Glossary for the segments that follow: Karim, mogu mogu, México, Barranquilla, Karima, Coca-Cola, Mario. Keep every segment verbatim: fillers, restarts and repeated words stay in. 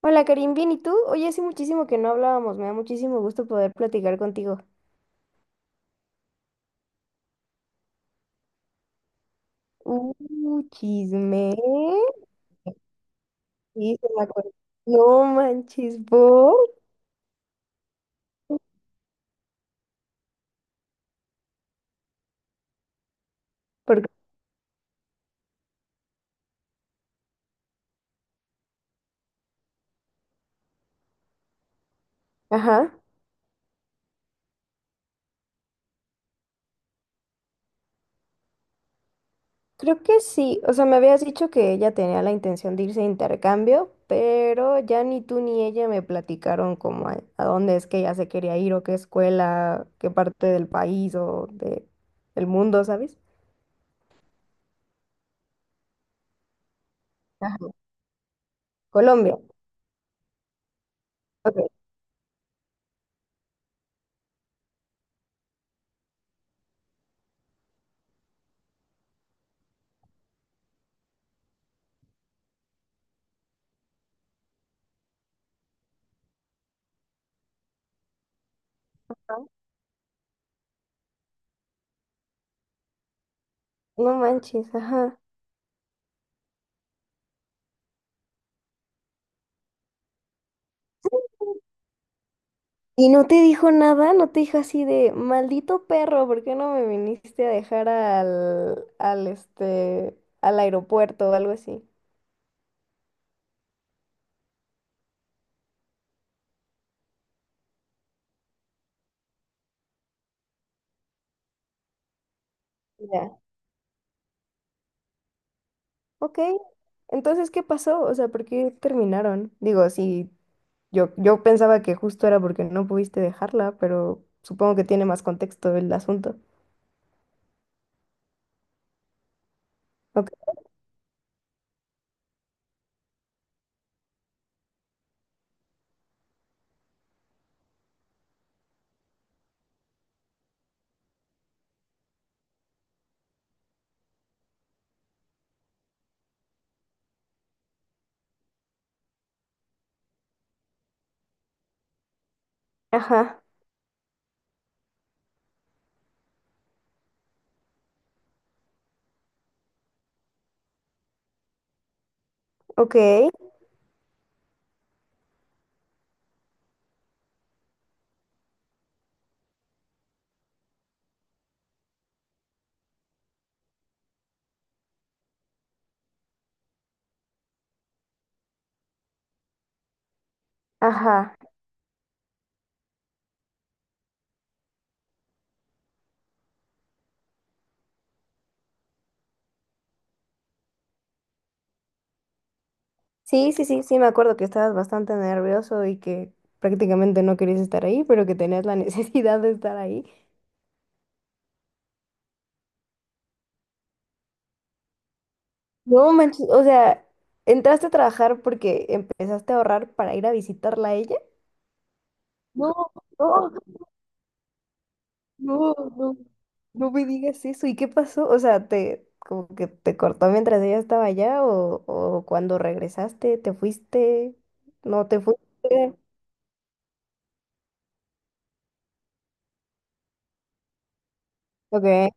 Hola Karim, bien, ¿y tú? Oye, hace muchísimo que no hablábamos, me da muchísimo gusto poder platicar contigo. Uh, chisme. Sí, se me acordó. No manches, ¿por? Porque, ajá, creo que sí. O sea, me habías dicho que ella tenía la intención de irse a intercambio, pero ya ni tú ni ella me platicaron como a, a dónde es que ella se quería ir o qué escuela, qué parte del país o de, del mundo, ¿sabes? Ajá. Colombia. Ok. No manches, ajá. ¿Y no te dijo nada? ¿No te dijo así de, maldito perro, ¿por qué no me viniste a dejar al, al, este, al aeropuerto o algo así? Ya. Ok. Entonces, ¿qué pasó? O sea, ¿por qué terminaron? Digo, sí, yo, yo pensaba que justo era porque no pudiste dejarla, pero supongo que tiene más contexto el asunto. Ok. Ajá. Ok. Ajá. Sí, sí, sí, sí, me acuerdo que estabas bastante nervioso y que prácticamente no querías estar ahí, pero que tenías la necesidad de estar ahí. No manches, o sea, entraste a trabajar porque empezaste a ahorrar para ir a visitarla a ella. No, no, no, no, no me digas eso. ¿Y qué pasó? O sea, te como que te cortó mientras ella estaba allá o, o cuando regresaste, te fuiste, no te fuiste. Ok.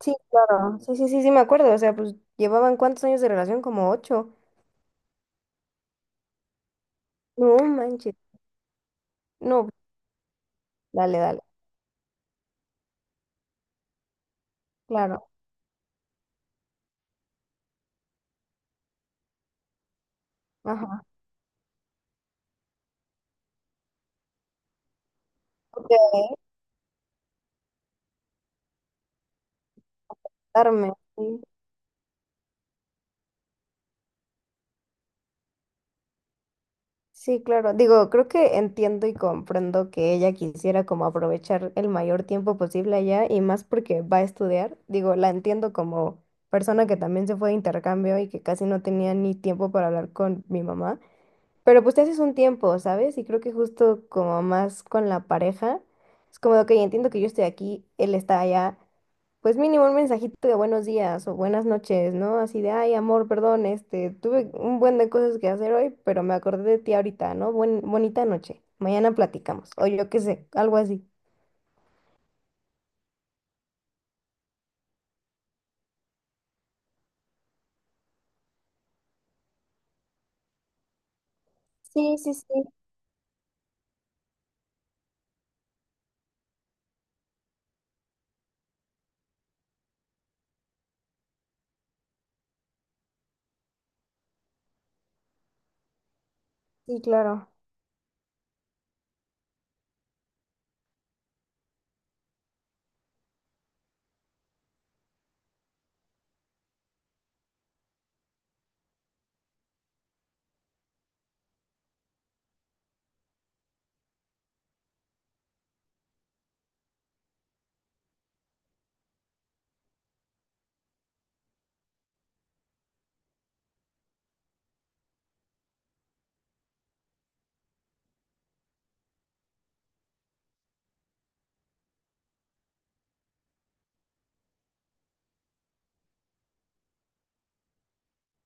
Sí, claro. Sí, sí, sí, sí, me acuerdo. O sea, pues llevaban cuántos años de relación, como ocho. No manches. No, dale, dale. Claro. Ajá. Darme. Sí. Sí, claro. Digo, creo que entiendo y comprendo que ella quisiera como aprovechar el mayor tiempo posible allá y más porque va a estudiar. Digo, la entiendo como persona que también se fue de intercambio y que casi no tenía ni tiempo para hablar con mi mamá. Pero pues te haces un tiempo, ¿sabes? Y creo que justo como más con la pareja, es como de, ok, entiendo que yo estoy aquí, él está allá pues mínimo un mensajito de buenos días o buenas noches, ¿no? Así de, ay, amor, perdón, este, tuve un buen de cosas que hacer hoy, pero me acordé de ti ahorita, ¿no? Buen, bonita noche. Mañana platicamos, o yo qué sé, algo así. Sí, sí, sí, sí, claro.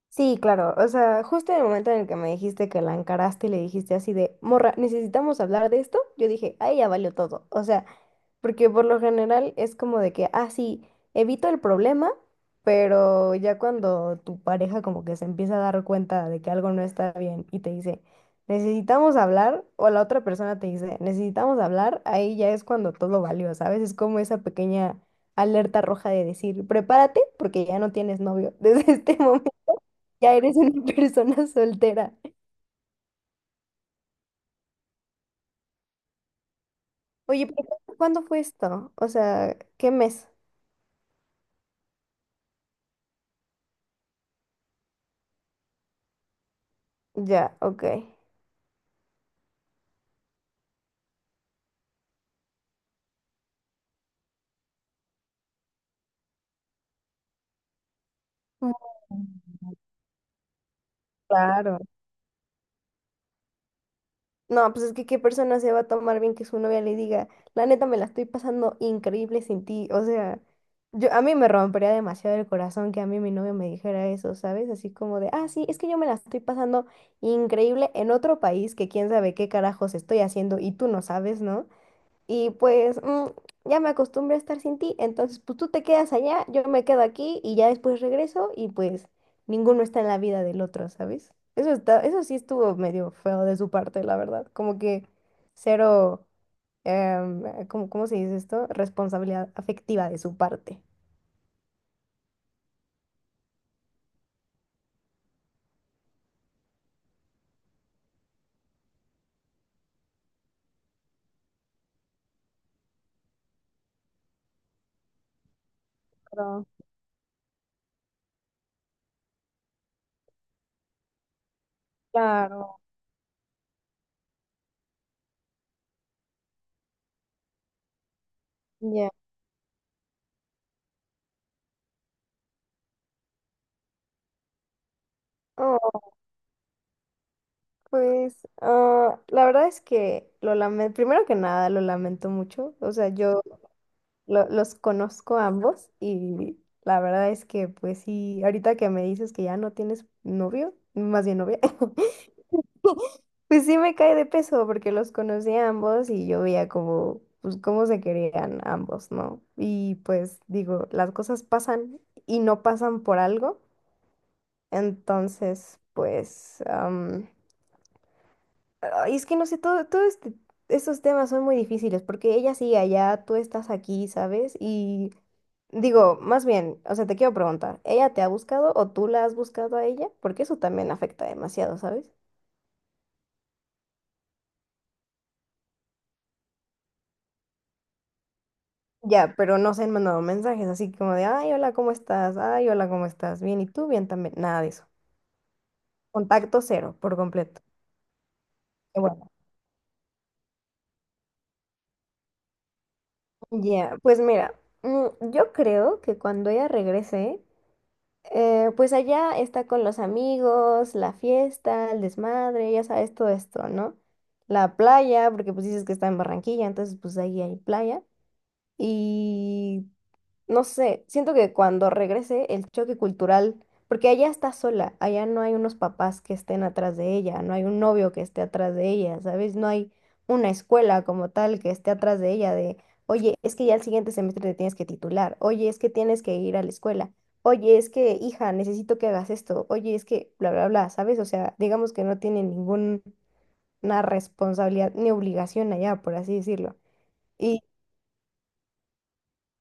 Sí, claro, o sea, justo en el momento en el que me dijiste que la encaraste y le dijiste así de, morra, necesitamos hablar de esto, yo dije, ay, ya valió todo. O sea, porque por lo general es como de que, ah, sí, evito el problema, pero ya cuando tu pareja como que se empieza a dar cuenta de que algo no está bien y te dice, necesitamos hablar, o la otra persona te dice, necesitamos hablar, ahí ya es cuando todo valió, ¿sabes? Es como esa pequeña alerta roja de decir, prepárate porque ya no tienes novio, desde este momento ya eres una persona soltera. Oye, pero ¿cuándo fue esto? O sea, ¿qué mes? Ya, ok. Mm, Claro. No, pues es que qué persona se va a tomar bien que su novia le diga, la neta me la estoy pasando increíble sin ti. O sea, yo a mí me rompería demasiado el corazón que a mí mi novio me dijera eso, ¿sabes? Así como de, ah, sí, es que yo me la estoy pasando increíble en otro país que quién sabe qué carajos estoy haciendo y tú no sabes, ¿no? Y pues mm, ya me acostumbré a estar sin ti, entonces pues tú te quedas allá, yo me quedo aquí y ya después regreso y pues ninguno está en la vida del otro, ¿sabes? Eso está, eso sí estuvo medio feo de su parte, la verdad. Como que cero, em, eh, ¿cómo, cómo se dice esto? Responsabilidad afectiva de su parte. Claro, claro. Ya. Oh, pues ah, la verdad es que lo lamento, primero que nada lo lamento mucho, o sea, yo... lo- los conozco a ambos y la verdad es que pues sí, ahorita que me dices que ya no tienes novio, más bien novia, pues sí me cae de peso porque los conocí a ambos y yo veía como, pues cómo se querían ambos, ¿no? Y pues digo, las cosas pasan y no pasan por algo, entonces pues... Ay, es que no sé, todo, todo este, estos temas son muy difíciles porque ella sigue allá, tú estás aquí, ¿sabes? Y digo, más bien, o sea, te quiero preguntar, ¿ella te ha buscado o tú la has buscado a ella? Porque eso también afecta demasiado, ¿sabes? Ya, pero no se han mandado mensajes así como de, ay, hola, ¿cómo estás? Ay, hola, ¿cómo estás? Bien, ¿y tú? Bien también. Nada de eso. Contacto cero, por completo. Y bueno, ya, pues mira, mm, yo creo que cuando ella regrese, Eh, pues allá está con los amigos, la fiesta, el desmadre, ya sabes todo esto, ¿no? La playa, porque pues dices que está en Barranquilla, entonces pues ahí hay playa. Y no sé, siento que cuando regrese el choque cultural, porque allá está sola, allá no hay unos papás que estén atrás de ella, no hay un novio que esté atrás de ella, ¿sabes? No hay una escuela como tal que esté atrás de ella de, oye, es que ya el siguiente semestre te tienes que titular, oye, es que tienes que ir a la escuela, oye, es que, hija, necesito que hagas esto, oye, es que, bla, bla, bla, ¿sabes? O sea, digamos que no tiene ninguna responsabilidad ni obligación allá, por así decirlo.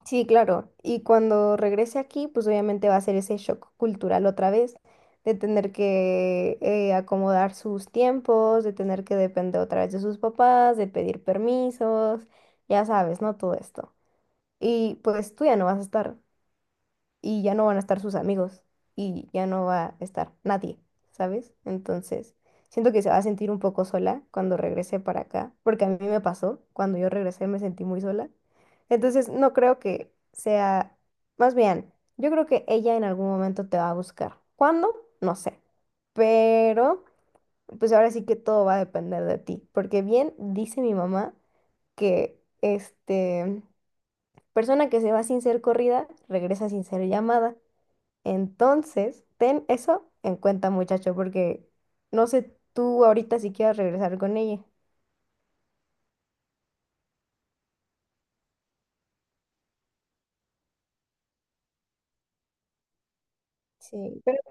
Sí, claro. Y cuando regrese aquí, pues obviamente va a ser ese shock cultural otra vez, de tener que eh, acomodar sus tiempos, de tener que depender otra vez de sus papás, de pedir permisos, ya sabes, ¿no? Todo esto. Y pues tú ya no vas a estar y ya no van a estar sus amigos y ya no va a estar nadie, ¿sabes? Entonces, siento que se va a sentir un poco sola cuando regrese para acá, porque a mí me pasó, cuando yo regresé me sentí muy sola. Entonces, no creo que sea, más bien, yo creo que ella en algún momento te va a buscar. ¿Cuándo? No sé. Pero, pues ahora sí que todo va a depender de ti, porque bien dice mi mamá que, este, persona que se va sin ser corrida, regresa sin ser llamada. Entonces, ten eso en cuenta, muchacho, porque no sé tú ahorita si quieres regresar con ella. Sí, pero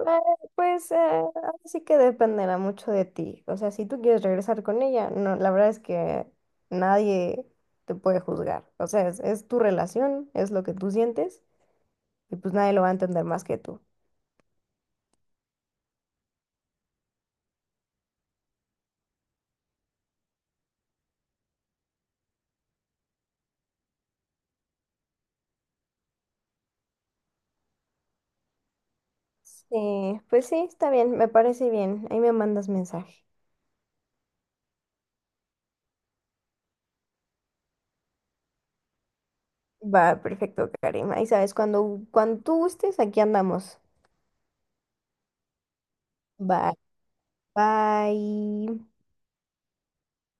eh, pues eh, ahora sí que dependerá mucho de ti. O sea, si tú quieres regresar con ella, no, la verdad es que nadie te puede juzgar. O sea, es, es tu relación, es lo que tú sientes y pues nadie lo va a entender más que tú. Sí, pues sí, está bien, me parece bien. Ahí me mandas mensaje. Va, perfecto, Karima. Ahí sabes, cuando, cuando tú gustes, aquí andamos. Va. Bye.